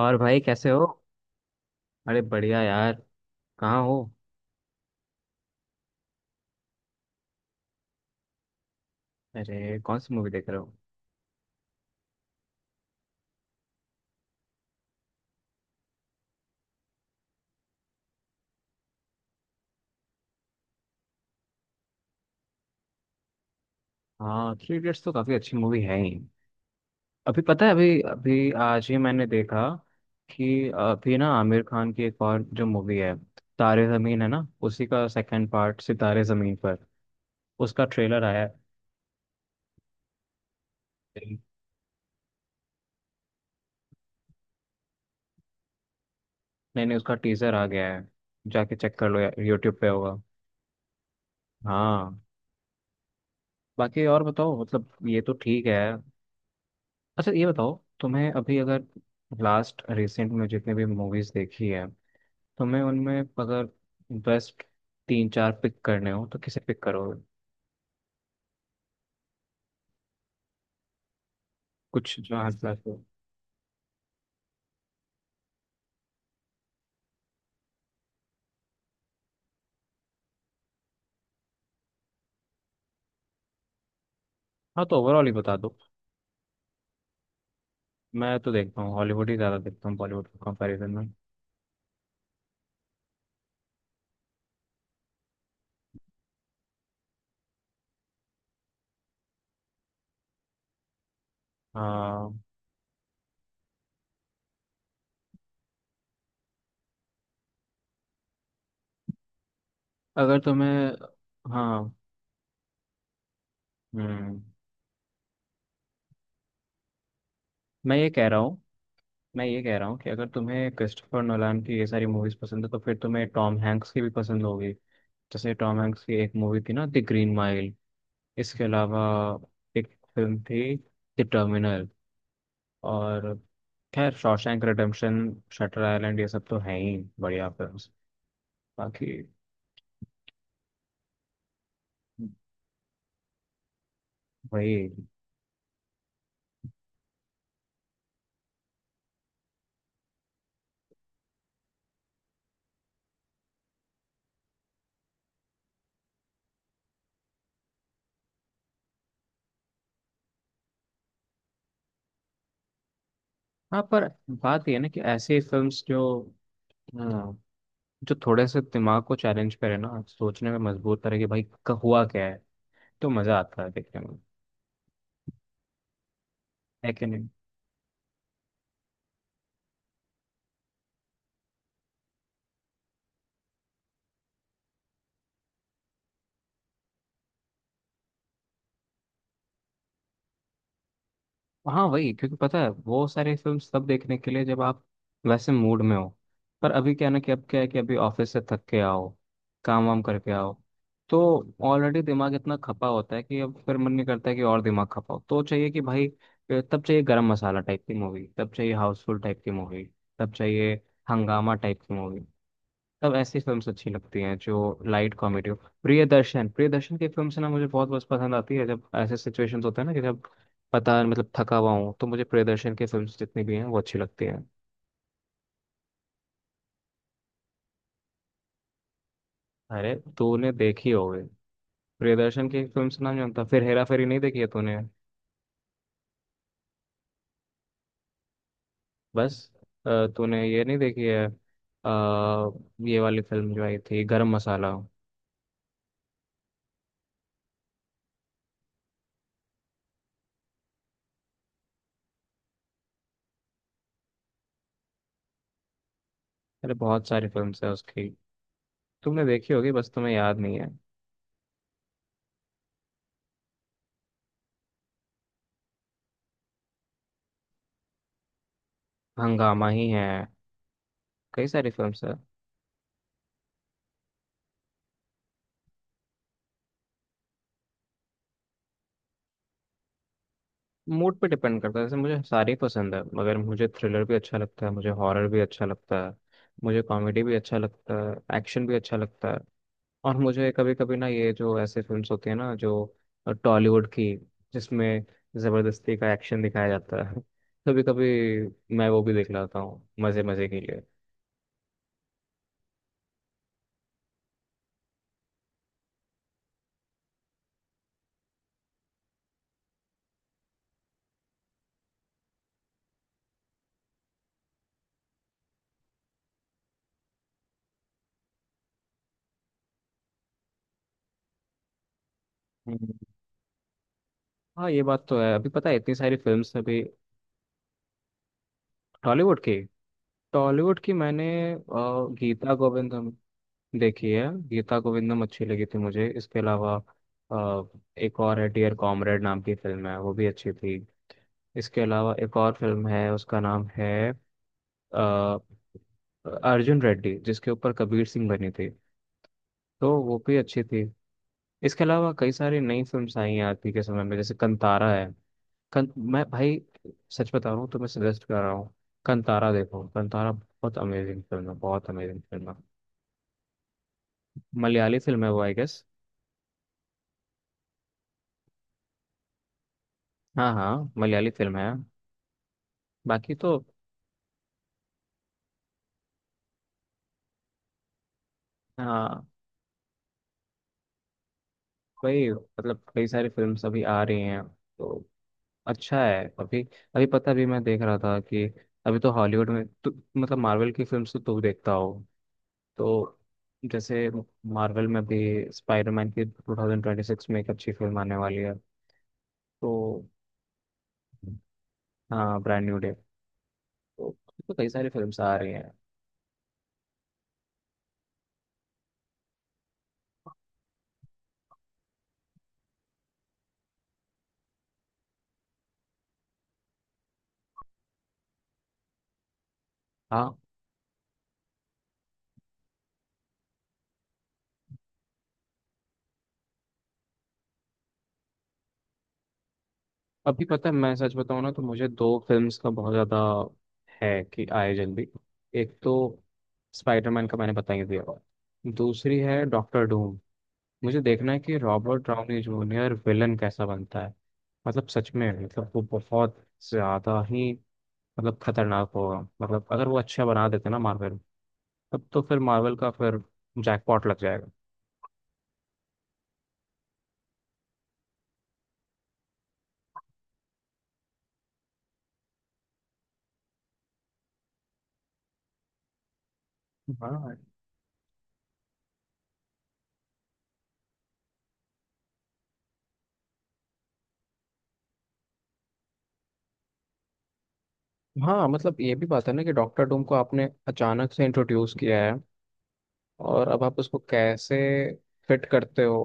और भाई कैसे हो? अरे बढ़िया यार। कहाँ हो? अरे कौन सी मूवी देख रहे हो? हाँ, थ्री इडियट्स तो काफी अच्छी मूवी है ही। अभी पता है, अभी अभी आज ही मैंने देखा कि अभी ना आमिर खान की एक और जो मूवी है तारे जमीन है ना, उसी का सेकंड पार्ट सितारे जमीन पर, उसका ट्रेलर आया है। नहीं नहीं, उसका टीजर आ गया है। जाके चेक कर लो यार, यूट्यूब पे होगा। हाँ। बाकी और बताओ, मतलब ये तो ठीक है। अच्छा ये बताओ, तुम्हें अभी अगर लास्ट रिसेंट में जितने भी मूवीज देखी है, तुम्हें उनमें अगर बेस्ट तीन चार पिक करने हो तो किसे पिक करोगे? कुछ जो हाँ class हो। हाँ तो ओवरऑल ही बता दो। मैं तो देखता हूँ, हॉलीवुड ही ज़्यादा देखता हूँ बॉलीवुड के कंपैरिजन में। हाँ, अगर तुम्हें। हाँ। हम्म मैं ये कह रहा हूँ। मैं ये कह रहा हूँ कि अगर तुम्हें क्रिस्टोफर नोलान की ये सारी मूवीज पसंद है तो फिर तुम्हें टॉम हैंक्स की भी पसंद होगी। जैसे टॉम हैंक्स की एक मूवी थी ना, द ग्रीन माइल। इसके अलावा एक फिल्म थी द टर्मिनल, और खैर शॉशैंक रिडेम्पशन, शटर आइलैंड, ये सब तो हैं ही बढ़िया फिल्म्स। बाकी वही। हाँ पर बात ये है ना कि ऐसी फिल्म्स जो हाँ, जो थोड़े से दिमाग को चैलेंज करे ना, सोचने में मजबूर करे कि भाई हुआ क्या है, तो मजा आता है देखने में। है कि हाँ वही, क्योंकि पता है वो सारे फिल्म्स तब देखने के लिए जब आप वैसे मूड में हो। पर अभी क्या ना कि अब क्या है कि अभी ऑफिस से थक के आओ, काम वाम करके आओ, तो ऑलरेडी दिमाग इतना खपा होता है कि अब फिर मन नहीं करता है कि और दिमाग खपाओ, तो चाहिए कि भाई तब चाहिए गरम मसाला टाइप की मूवी, तब चाहिए हाउसफुल टाइप की मूवी, तब चाहिए हंगामा टाइप की मूवी। तब ऐसी फिल्म्स अच्छी लगती हैं जो लाइट कॉमेडी हो। प्रियदर्शन प्रियदर्शन की फिल्म से ना मुझे बहुत बहुत पसंद आती है जब ऐसे सिचुएशंस होते हैं ना कि जब पता मतलब थका हुआ हूँ तो मुझे प्रियदर्शन की फिल्म्स जितनी भी हैं वो अच्छी लगती हैं। अरे तूने देखी होगी, प्रियदर्शन की फिल्म्स नाम जानता फिर, हेरा फेरी नहीं देखी है तूने? बस, तूने ये नहीं देखी है, अ, ये वाली फिल्म जो आई थी गरम मसाला। अरे बहुत सारी फिल्म्स है उसकी, तुमने देखी होगी बस तुम्हें याद नहीं है। हंगामा ही है, कई सारी फिल्म्स है। मूड पे डिपेंड करता है, जैसे मुझे सारी पसंद है, मगर मुझे थ्रिलर भी अच्छा लगता है, मुझे हॉरर भी अच्छा लगता है, मुझे कॉमेडी भी अच्छा लगता है, एक्शन भी अच्छा लगता है। और मुझे कभी कभी ना ये जो ऐसे फिल्म्स होती है ना जो टॉलीवुड की, जिसमें जबरदस्ती का एक्शन दिखाया जाता है कभी कभी मैं वो भी देख लेता हूँ मजे मजे के लिए। हम्म। हाँ ये बात तो है, अभी पता है इतनी सारी फिल्म्स अभी। टॉलीवुड की। टॉलीवुड की मैंने अ, गीता गोविंदम देखिए। गीता गोविंदम अच्छी लगी थी मुझे, इसके अलावा अ, एक और है डियर कॉमरेड नाम की फिल्म है, वो भी अच्छी थी। इसके अलावा एक और फिल्म है उसका नाम है अ, अर्जुन रेड्डी, जिसके ऊपर कबीर सिंह बनी थी, तो वो भी अच्छी थी। इसके अलावा कई सारी नई फिल्म्स आई हैं आज के समय में, जैसे कंतारा है। कं, मैं भाई सच बता रहा हूँ, तुम्हें सजेस्ट कर रहा हूँ, कंतारा देखो, कंतारा बहुत अमेजिंग फिल्म है, बहुत अमेजिंग फिल्म है। मलयाली फिल्म है वो आई गेस। हाँ हाँ मलयाली फिल्म है। बाकी तो हाँ वही, मतलब कई सारी फिल्म्स अभी आ रही हैं तो अच्छा है अभी। अभी पता भी मैं देख रहा था कि अभी तो हॉलीवुड में तो, मतलब मार्वल की फिल्म्स तो तू देखता हो तो जैसे मार्वल में भी स्पाइडरमैन की 2026 में एक अच्छी फिल्म आने वाली है तो हाँ ब्रांड न्यू डे, तो, तो कई सारी फिल्म्स आ रही हैं। हाँ अभी पता है, मैं सच बताऊं ना तो मुझे दो फिल्म्स का बहुत ज़्यादा है कि आए जल्दी। एक तो स्पाइडरमैन का मैंने बता ही दिया, दूसरी है डॉक्टर डूम। मुझे देखना है कि रॉबर्ट डाउनी जूनियर विलन कैसा बनता है। मतलब सच में, मतलब वो बहुत ज़्यादा ही, मतलब खतरनाक होगा, मतलब अगर वो अच्छा बना देते ना मार्वल, तब तो फिर मार्वल का फिर जैकपॉट लग जाएगा। हाँ हाँ, मतलब ये भी बात है ना कि डॉक्टर डूम को आपने अचानक से इंट्रोड्यूस किया है, और अब आप उसको कैसे फिट करते हो?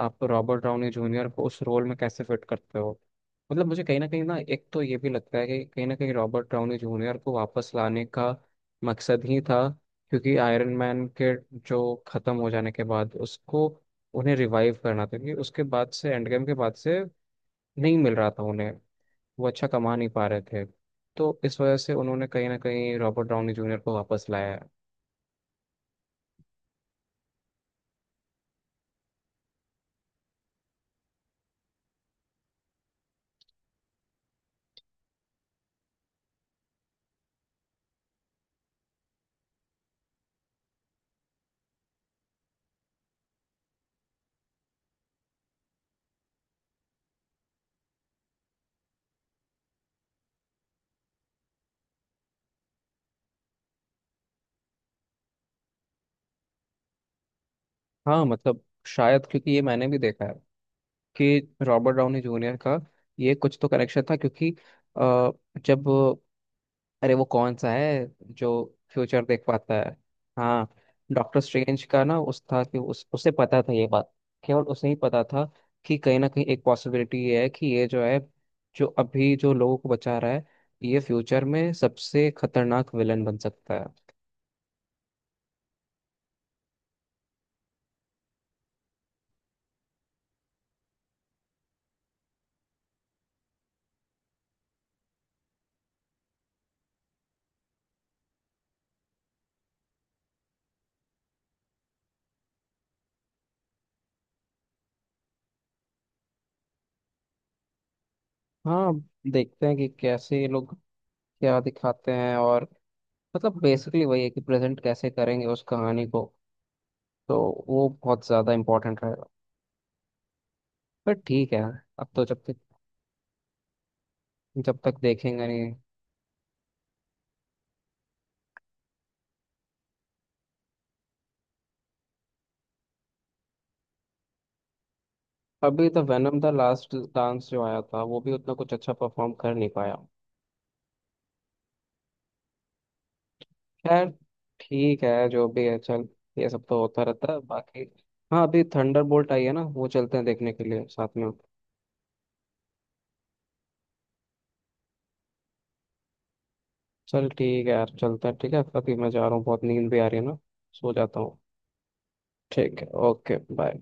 आप रॉबर्ट डाउनी जूनियर को उस रोल में कैसे फिट करते हो? मतलब मुझे कहीं ना एक तो ये भी लगता है कि कहीं ना कहीं रॉबर्ट डाउनी जूनियर को वापस लाने का मकसद ही था। क्योंकि आयरन मैन के जो खत्म हो जाने के बाद उसको उन्हें रिवाइव करना था, क्योंकि उसके बाद से एंड गेम के बाद से नहीं मिल रहा था उन्हें, वो अच्छा कमा नहीं पा रहे थे, तो इस वजह से उन्होंने कहीं ना कहीं रॉबर्ट डाउनी जूनियर को वापस लाया है। हाँ मतलब शायद, क्योंकि ये मैंने भी देखा है कि रॉबर्ट डाउनी जूनियर का ये कुछ तो कनेक्शन था। क्योंकि अ, जब, अरे वो कौन सा है जो फ्यूचर देख पाता है? हाँ, डॉक्टर स्ट्रेंज का ना उस था कि उस उसे पता था ये बात, केवल उसे ही पता था कि कहीं ना कहीं एक पॉसिबिलिटी ये है कि ये जो है, जो अभी जो लोगों को बचा रहा है, ये फ्यूचर में सबसे खतरनाक विलन बन सकता है। हाँ, देखते हैं कि कैसे ये लोग क्या दिखाते हैं, और मतलब बेसिकली वही है कि प्रेजेंट कैसे करेंगे उस कहानी को, तो वो बहुत ज़्यादा इम्पोर्टेंट रहेगा। पर ठीक है, अब तो जब तक देखेंगे नहीं। अभी तो वैनम द लास्ट डांस जो आया था वो भी उतना कुछ अच्छा परफॉर्म कर नहीं पाया। खैर ठीक है जो भी है चल, ये सब तो होता रहता है बाकी। हाँ अभी थंडरबोल्ट आई है ना, वो चलते हैं देखने के लिए साथ में। चल ठीक है यार, चलते हैं, ठीक है अभी मैं जा रहा हूँ, बहुत नींद भी आ रही है ना, सो जाता हूँ। ठीक है, ओके, बाय।